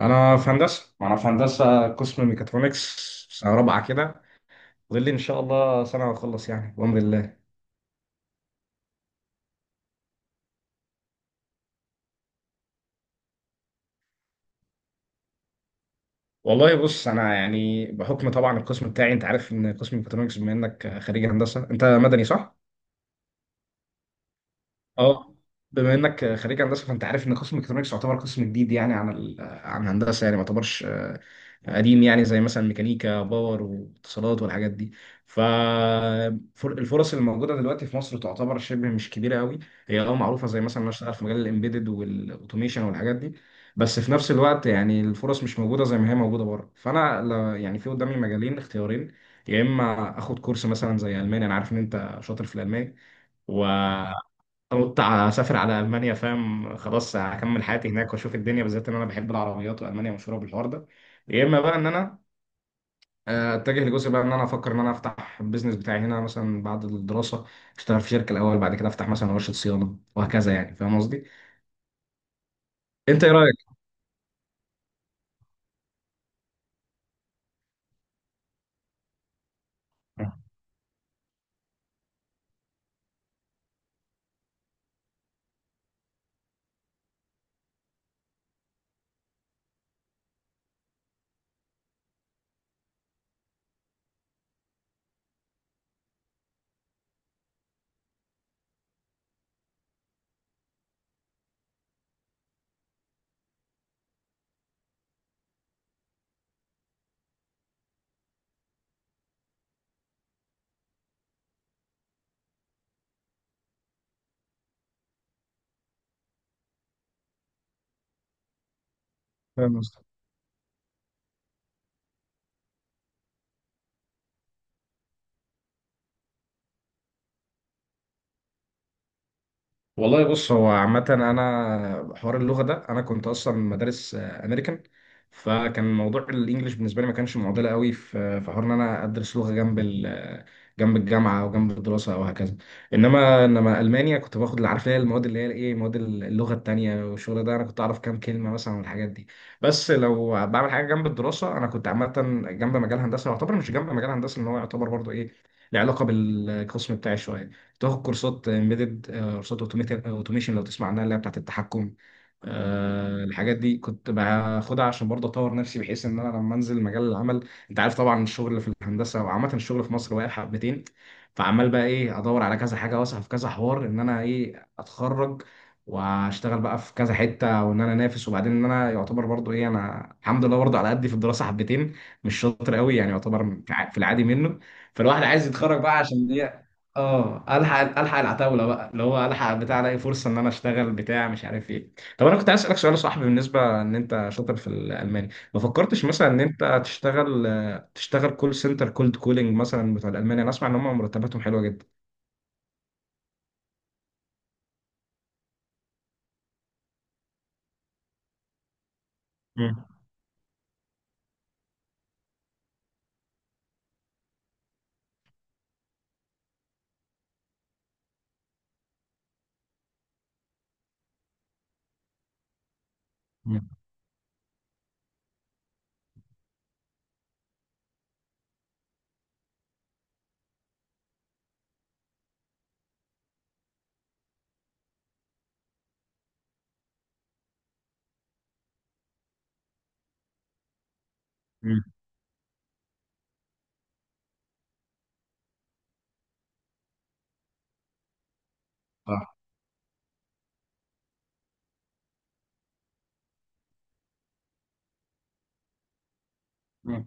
انا في هندسه، ما انا في هندسه قسم ميكاترونكس. سنه رابعه كده. فاضل لي ان شاء الله سنه واخلص، يعني بامر الله. والله بص، انا يعني بحكم طبعا القسم بتاعي، انت عارف ان قسم ميكاترونكس، بما انك خريج هندسه انت مدني صح؟ اه. بما انك خريج هندسه فانت عارف ان قسم ميكاترونكس يعتبر قسم جديد، يعني عن عن هندسه، يعني ما يعتبرش قديم، يعني زي مثلا ميكانيكا باور واتصالات والحاجات دي. ف الفرص اللي موجوده دلوقتي في مصر تعتبر شبه مش كبيره قوي. هي معروفه، زي مثلا انا اشتغل في مجال الامبيدد والاوتوميشن والحاجات دي. بس في نفس الوقت يعني الفرص مش موجوده زي ما هي موجوده بره، فانا يعني في قدامي مجالين اختيارين. يا اما اخد كورس مثلا زي الماني، انا عارف ان انت شاطر في الالماني، قلت اسافر على المانيا فاهم، خلاص هكمل حياتي هناك واشوف الدنيا، بالذات ان انا بحب العربيات والمانيا مشهوره بالحوار ده. يا اما بقى ان انا اتجه لجزء بقى ان انا افكر ان انا افتح البيزنس بتاعي هنا مثلا بعد الدراسه. اشتغل في شركه الاول، بعد كده افتح مثلا ورشه صيانه وهكذا، يعني فاهم قصدي. انت ايه رايك؟ فاهم. والله بص، هو عامة أنا حوار اللغة ده أنا كنت أصلا مدارس أمريكان. فكان موضوع الإنجليش بالنسبة لي ما كانش معضلة قوي، في حوار إن أنا أدرس لغة جنب ال آه، جنب الجامعة أو جنب الدراسة أو هكذا. إنما ألمانيا كنت باخد، اللي عارف اللي هي المواد اللي هي إيه، مواد اللغة التانية والشغل ده، أنا كنت أعرف كام كلمة مثلا والحاجات دي. بس لو بعمل حاجة جنب الدراسة أنا كنت عامة جنب مجال هندسة، يعتبر مش جنب مجال هندسة، إن هو يعتبر برضه إيه، له علاقة بالقسم بتاعي شوية. تاخد كورسات امبيدد قصاد اوتوميشن لو تسمع عنها، اللي هي بتاعت التحكم. الحاجات دي كنت باخدها عشان برضه اطور نفسي، بحيث ان انا لما انزل مجال العمل. انت عارف طبعا الشغل في الهندسه، وعامه الشغل في مصر واقع حبتين. فعمال بقى ايه، ادور على كذا حاجه واسعى في كذا حوار، ان انا ايه اتخرج واشتغل بقى في كذا حته، وان انا انافس، وبعدين ان انا يعتبر برضه ايه، انا الحمد لله برضه على قدي في الدراسه حبتين، مش شاطر قوي يعني، يعتبر في في العادي منه. فالواحد عايز يتخرج بقى عشان ايه، اه الحق الحق العتاوله بقى، اللي هو الحق بتاع الاقي فرصه ان انا اشتغل بتاع مش عارف ايه. طب انا كنت عايز اسالك سؤال يا صاحبي، بالنسبه ان انت شاطر في الالماني، ما فكرتش مثلا ان انت تشتغل كول سنتر كولد كولينج مثلا بتوع الالماني؟ انا اسمع ان هم مرتباتهم حلوه جدا. مم. مم. مم. صح. مم.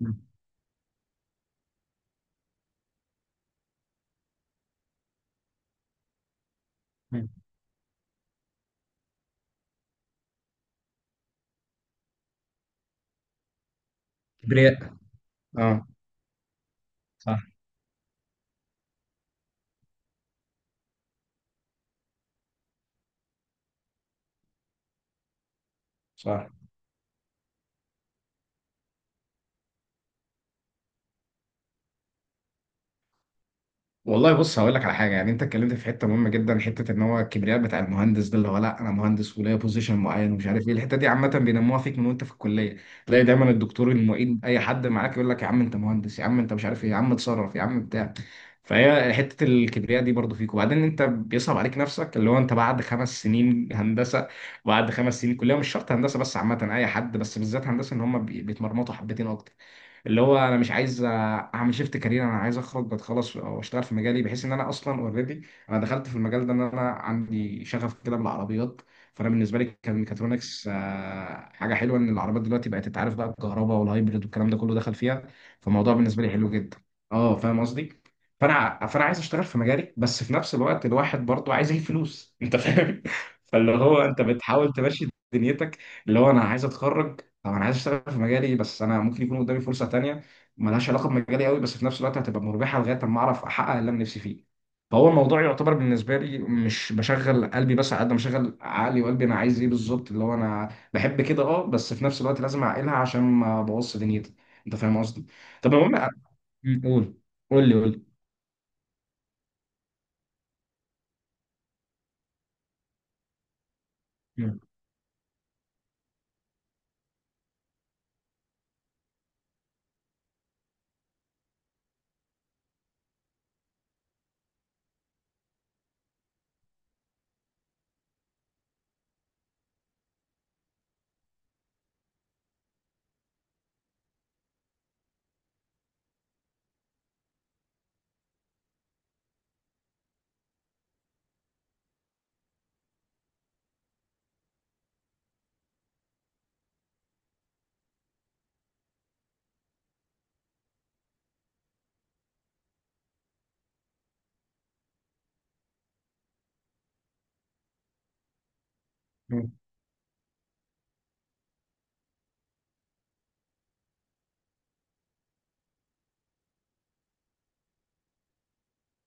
مم. مم. كبرياء. اه. صح. صح. والله بص، هقول لك على حاجه يعني، انت اتكلمت في حته مهمه جدا، حته ان هو الكبرياء بتاع المهندس ده، اللي هو لا انا مهندس وليا بوزيشن معين ومش عارف ايه. الحته دي عامه بينموها فيك من وانت في الكليه. تلاقي دايما الدكتور، المعيد، اي حد معاك يقول لك يا عم انت مهندس، يا عم انت مش عارف ايه، يا عم اتصرف، يا عم بتاع. فهي حته الكبرياء دي برضو فيك، وبعدين انت بيصعب عليك نفسك، اللي هو انت بعد 5 سنين هندسه، بعد 5 سنين كليه مش شرط هندسه بس عامه اي حد، بس بالذات هندسه ان هم بيتمرمطوا حبتين اكتر. اللي هو انا مش عايز اعمل شيفت كارير، انا عايز اخرج اتخلص او اشتغل في مجالي، بحيث ان انا اصلا اوريدي. انا دخلت في المجال ده ان انا عندي شغف كده بالعربيات. فانا بالنسبه لي كان ميكاترونكس حاجه حلوه، ان العربيات دلوقتي بقت تتعرف بقى، الكهرباء والهايبريد والكلام ده كله دخل فيها. فالموضوع بالنسبه لي حلو جدا. اه فاهم قصدي. فانا عايز اشتغل في مجالي، بس في نفس الوقت الواحد برضه عايز يجيب فلوس انت فاهم. فاللي هو انت بتحاول تمشي دنيتك، اللي هو انا عايز اتخرج. طب انا عايز اشتغل في مجالي، بس انا ممكن يكون قدامي فرصه تانية ملهاش علاقه بمجالي قوي، بس في نفس الوقت هتبقى مربحه لغايه اما اعرف احقق اللي انا نفسي فيه. فهو الموضوع يعتبر بالنسبه لي مش بشغل قلبي، بس على قد ما بشغل عقلي وقلبي انا عايز ايه بالظبط، اللي هو انا بحب كده، بس في نفس الوقت لازم اعقلها عشان ما ابوظش دنيتي. انت فاهم قصدي؟ طب المهم، قول. قول لي، قول لي.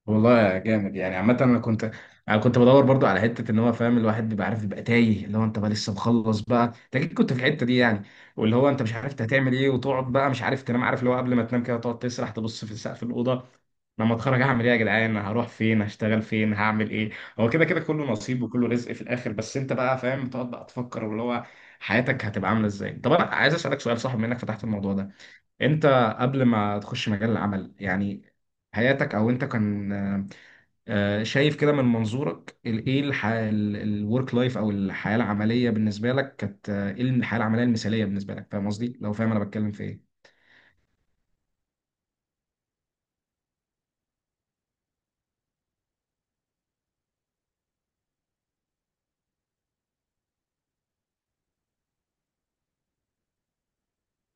والله جامد يعني، عامة أنا كنت بدور برضو على حتة، إن هو فاهم الواحد بيبقى عارف بيبقى تايه، اللي هو أنت بقى لسه مخلص بقى أنت أكيد كنت في الحتة دي يعني. واللي هو أنت مش عارف أنت هتعمل إيه، وتقعد بقى مش عارف تنام، عارف اللي هو قبل ما تنام كده تقعد تسرح تبص في سقف الأوضة. لما أتخرج هعمل إيه يا جدعان، هروح فين، هشتغل فين، هعمل إيه؟ هو كده كده كله نصيب وكله رزق في الآخر، بس أنت بقى فاهم تقعد بقى تفكر واللي هو حياتك هتبقى عاملة إزاي. طب أنا عايز أسألك سؤال صح بما إنك فتحت الموضوع ده. انت، قبل ما تخش مجال العمل يعني، حياتك او انت كان شايف كده من منظورك ايه، الورك لايف او الحياه العمليه بالنسبه لك، كانت ايه الحياه العمليه المثاليه بالنسبه لك؟ فاهم قصدي لو فاهم انا بتكلم في ايه.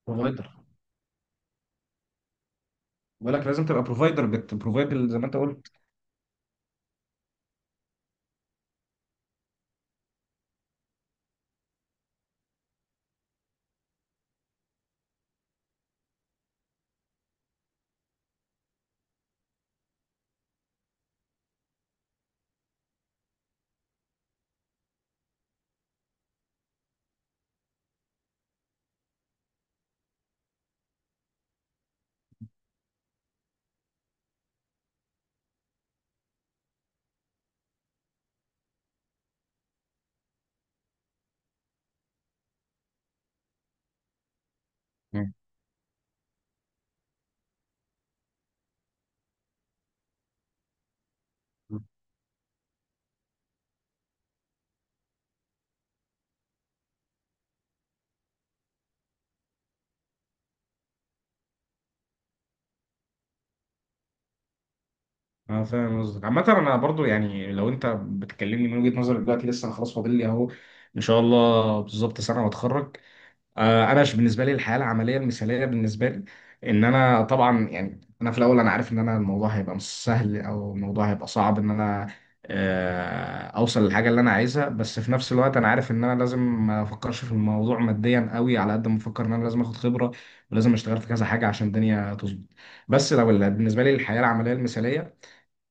بروفايدر. بقول لك لازم تبقى بروفايدر بتبروفايد زي ما انت قلت. مم. اه، فاهم قصدك. عامة انا برضو يعني لو انت بتكلمني من وجهة نظري دلوقتي، لسه انا خلاص فاضل لي اهو ان شاء الله بالظبط سنة واتخرج. انا بالنسبه لي الحياه العمليه المثاليه بالنسبه لي، ان انا طبعا يعني، انا في الاول انا عارف ان انا الموضوع هيبقى مش سهل او الموضوع هيبقى صعب، ان انا اوصل للحاجه اللي انا عايزها. بس في نفس الوقت انا عارف ان انا لازم ما افكرش في الموضوع ماديا قوي، على قد ما افكر ان انا لازم اخد خبره ولازم اشتغل في كذا حاجه عشان الدنيا تظبط. بس لو بالنسبه لي الحياه العمليه المثاليه،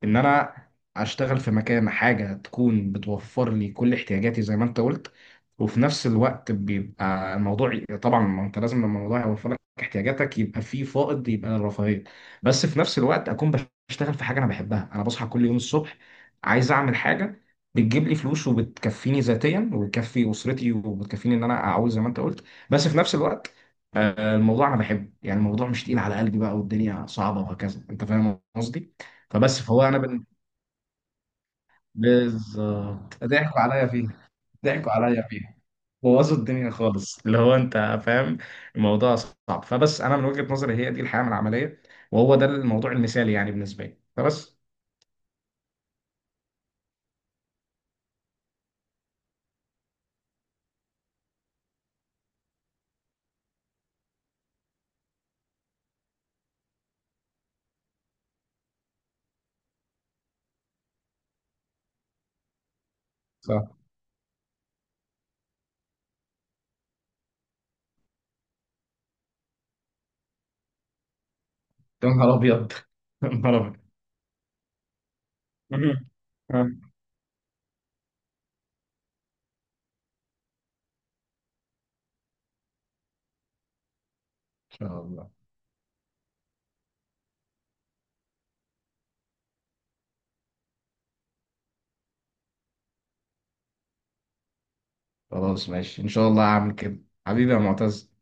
ان انا اشتغل في مكان، حاجه تكون بتوفر لي كل احتياجاتي زي ما انت قلت. وفي نفس الوقت بيبقى الموضوع طبعا، ما انت لازم لما الموضوع يوفر لك احتياجاتك يبقى في فائض، يبقى الرفاهيه. بس في نفس الوقت اكون بشتغل في حاجه انا بحبها. انا بصحى كل يوم الصبح عايز اعمل حاجه بتجيب لي فلوس وبتكفيني ذاتيا وبتكفي اسرتي وبتكفيني ان انا اعوز زي ما انت قلت. بس في نفس الوقت الموضوع انا بحبه يعني، الموضوع مش تقيل على قلبي بقى والدنيا صعبه وهكذا. انت فاهم قصدي. فبس، فهو انا بالظبط ضحكوا عليا فيها، ضحكوا عليا فيها، بوظوا الدنيا خالص اللي هو انت فاهم. الموضوع صعب. فبس انا من وجهة نظري هي دي الحياة من العملية، وهو ده الموضوع المثالي يعني بالنسبة لي، فبس. صح. يا نهار ابيض! يا نهار ابيض. ان شاء الله. خلاص ماشي، ان شاء الله هعمل كده. حبيبي يا معتز.